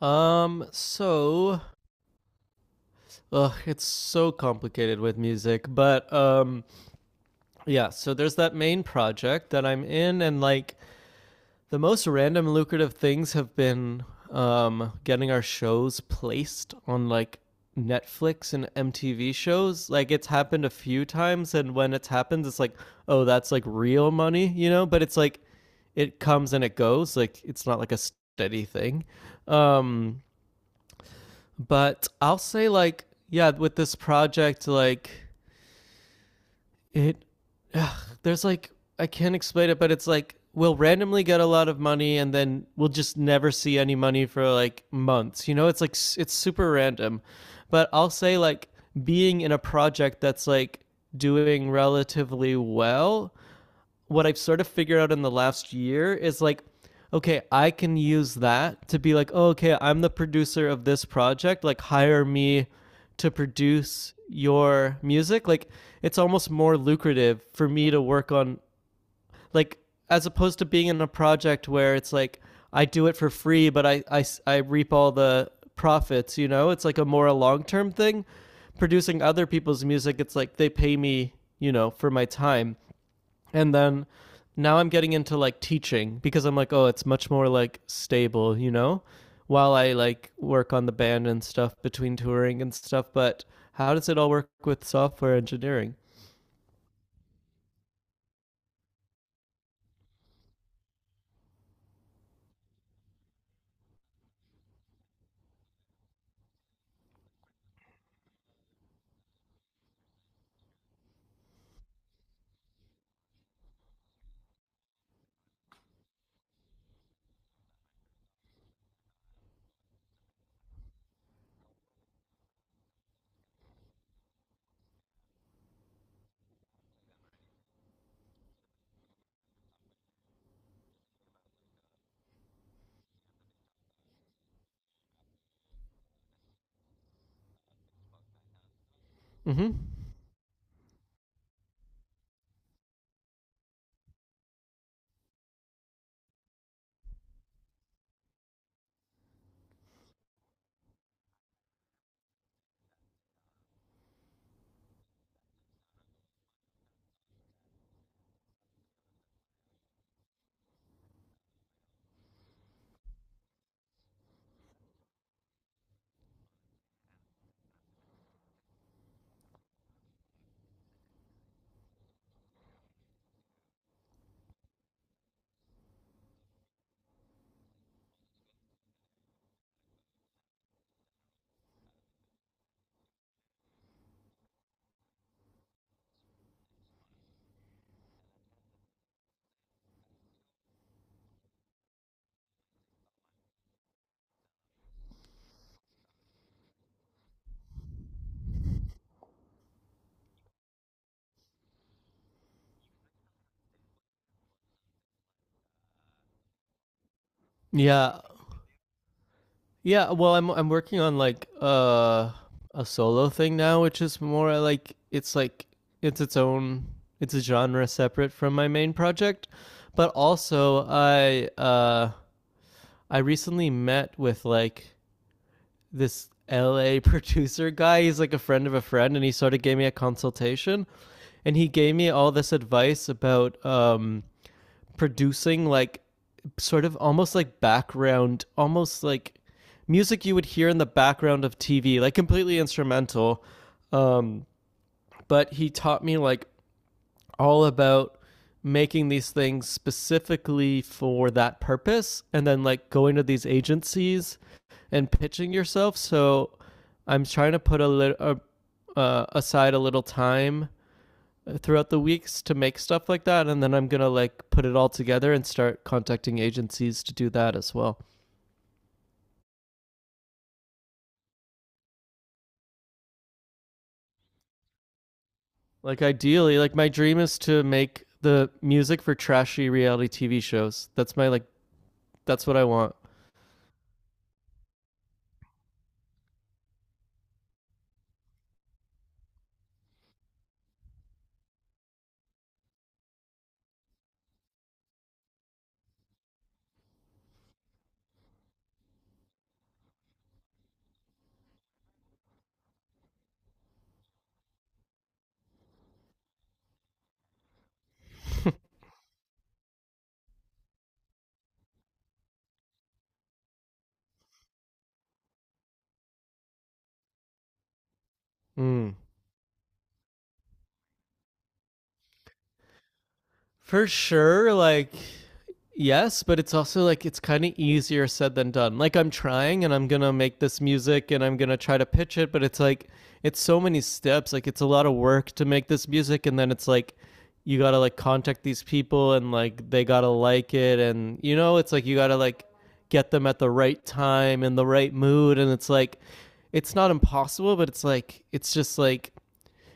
So it's so complicated with music, but yeah, so there's that main project that I'm in and like the most random lucrative things have been getting our shows placed on like Netflix and MTV shows. Like it's happened a few times, and when it's happened it's like, oh, that's like real money, you know, but it's like it comes and it goes, like it's not like a steady thing. Um But I'll say, like, yeah, with this project, like it there's like I can't explain it, but it's like we'll randomly get a lot of money and then we'll just never see any money for like months. You know, it's like it's super random. But I'll say, like, being in a project that's like doing relatively well, what I've sort of figured out in the last year is like, okay, I can use that to be like, oh, okay, I'm the producer of this project. Like, hire me to produce your music. Like, it's almost more lucrative for me to work on, like, as opposed to being in a project where it's like, I do it for free, but I reap all the profits, you know? It's like a more a long term thing. Producing other people's music, it's like they pay me, you know, for my time, and then now I'm getting into like teaching because I'm like, oh, it's much more like stable, you know, while I like work on the band and stuff between touring and stuff. But how does it all work with software engineering? Hmm. Yeah, yeah. Well, I'm working on like a solo thing now, which is more like it's its own, it's a genre separate from my main project, but also I I recently met with like this LA producer guy. He's like a friend of a friend, and he sort of gave me a consultation, and he gave me all this advice about producing like sort of almost like background, almost like music you would hear in the background of TV, like completely instrumental. Um, but he taught me like all about making these things specifically for that purpose and then like going to these agencies and pitching yourself. So I'm trying to put a little aside a little time throughout the weeks to make stuff like that, and then I'm going to like put it all together and start contacting agencies to do that as well. Like ideally, like my dream is to make the music for trashy reality TV shows. That's my like that's what I want. Mm. For sure, like yes, but it's also like it's kind of easier said than done. Like, I'm trying and I'm going to make this music and I'm going to try to pitch it, but it's like it's so many steps. Like it's a lot of work to make this music and then it's like you got to like contact these people and like they got to like it, and you know, it's like you got to like get them at the right time and the right mood, and it's like it's not impossible, but it's like it's just like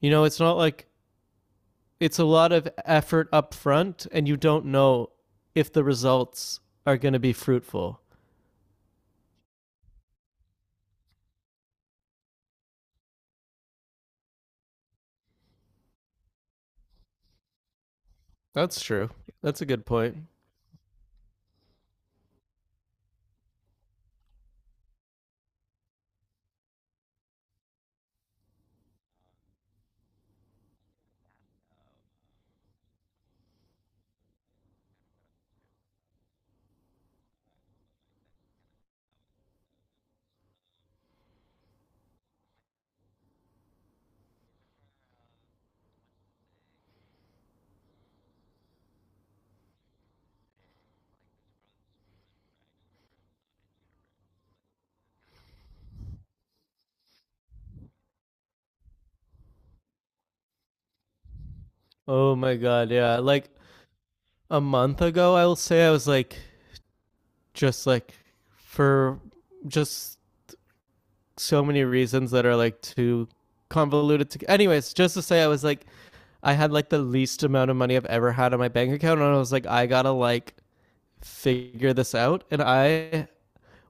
you know, it's not like it's a lot of effort up front and you don't know if the results are going to be fruitful. That's true. That's a good point. Oh my god, yeah. Like a month ago I will say I was like just like for just so many reasons that are like too convoluted to anyways, just to say I was like I had like the least amount of money I've ever had on my bank account and I was like I got to like figure this out, and I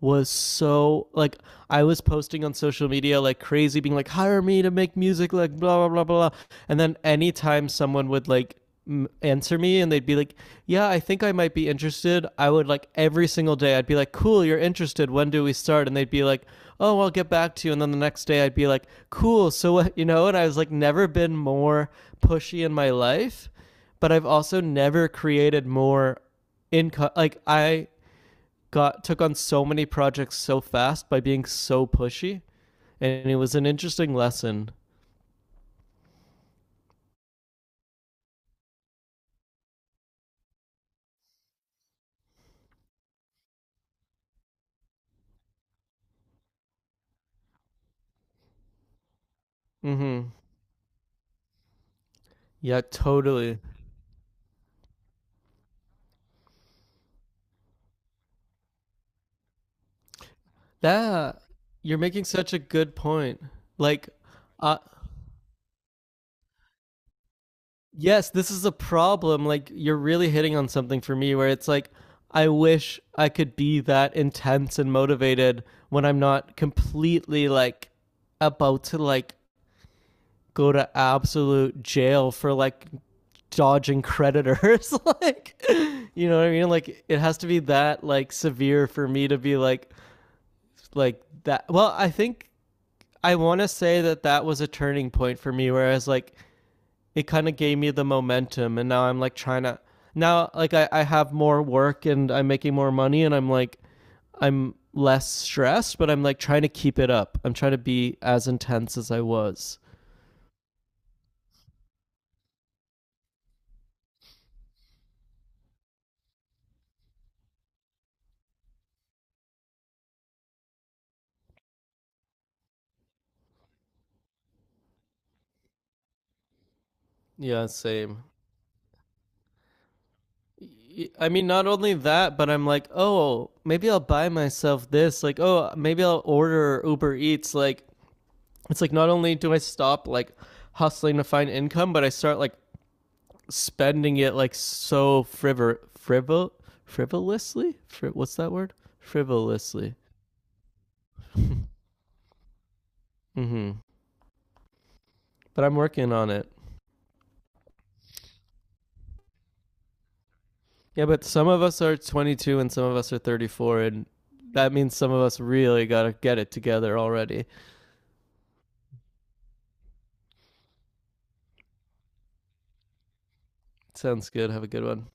was so like I was posting on social media like crazy, being like, hire me to make music, like blah blah blah blah. And then anytime someone would like answer me and they'd be like, yeah, I think I might be interested, I would like every single day I'd be like, cool, you're interested. When do we start? And they'd be like, oh, I'll get back to you. And then the next day I'd be like, cool. So what, you know? And I was like, never been more pushy in my life, but I've also never created more income. Like I got took on so many projects so fast by being so pushy, and it was an interesting lesson. Mm-hmm. Yeah, totally. That you're making such a good point. Like, uh, yes, this is a problem. Like, you're really hitting on something for me where it's like, I wish I could be that intense and motivated when I'm not completely like about to like go to absolute jail for like dodging creditors like you know what I mean, like it has to be that like severe for me to be like that. Well I think I want to say that that was a turning point for me, whereas like it kind of gave me the momentum, and now I'm like trying to now like I have more work and I'm making more money and I'm like I'm less stressed, but I'm like trying to keep it up, I'm trying to be as intense as I was. Yeah, same. I mean, not only that, but I'm like, oh, maybe I'll buy myself this. Like, oh, maybe I'll order Uber Eats. Like, it's like not only do I stop like hustling to find income, but I start like spending it like so frivolously. What's that word? Frivolously. Mm-hmm. But I'm working on it. Yeah, but some of us are 22 and some of us are 34, and that means some of us really gotta get it together already. Sounds good. Have a good one.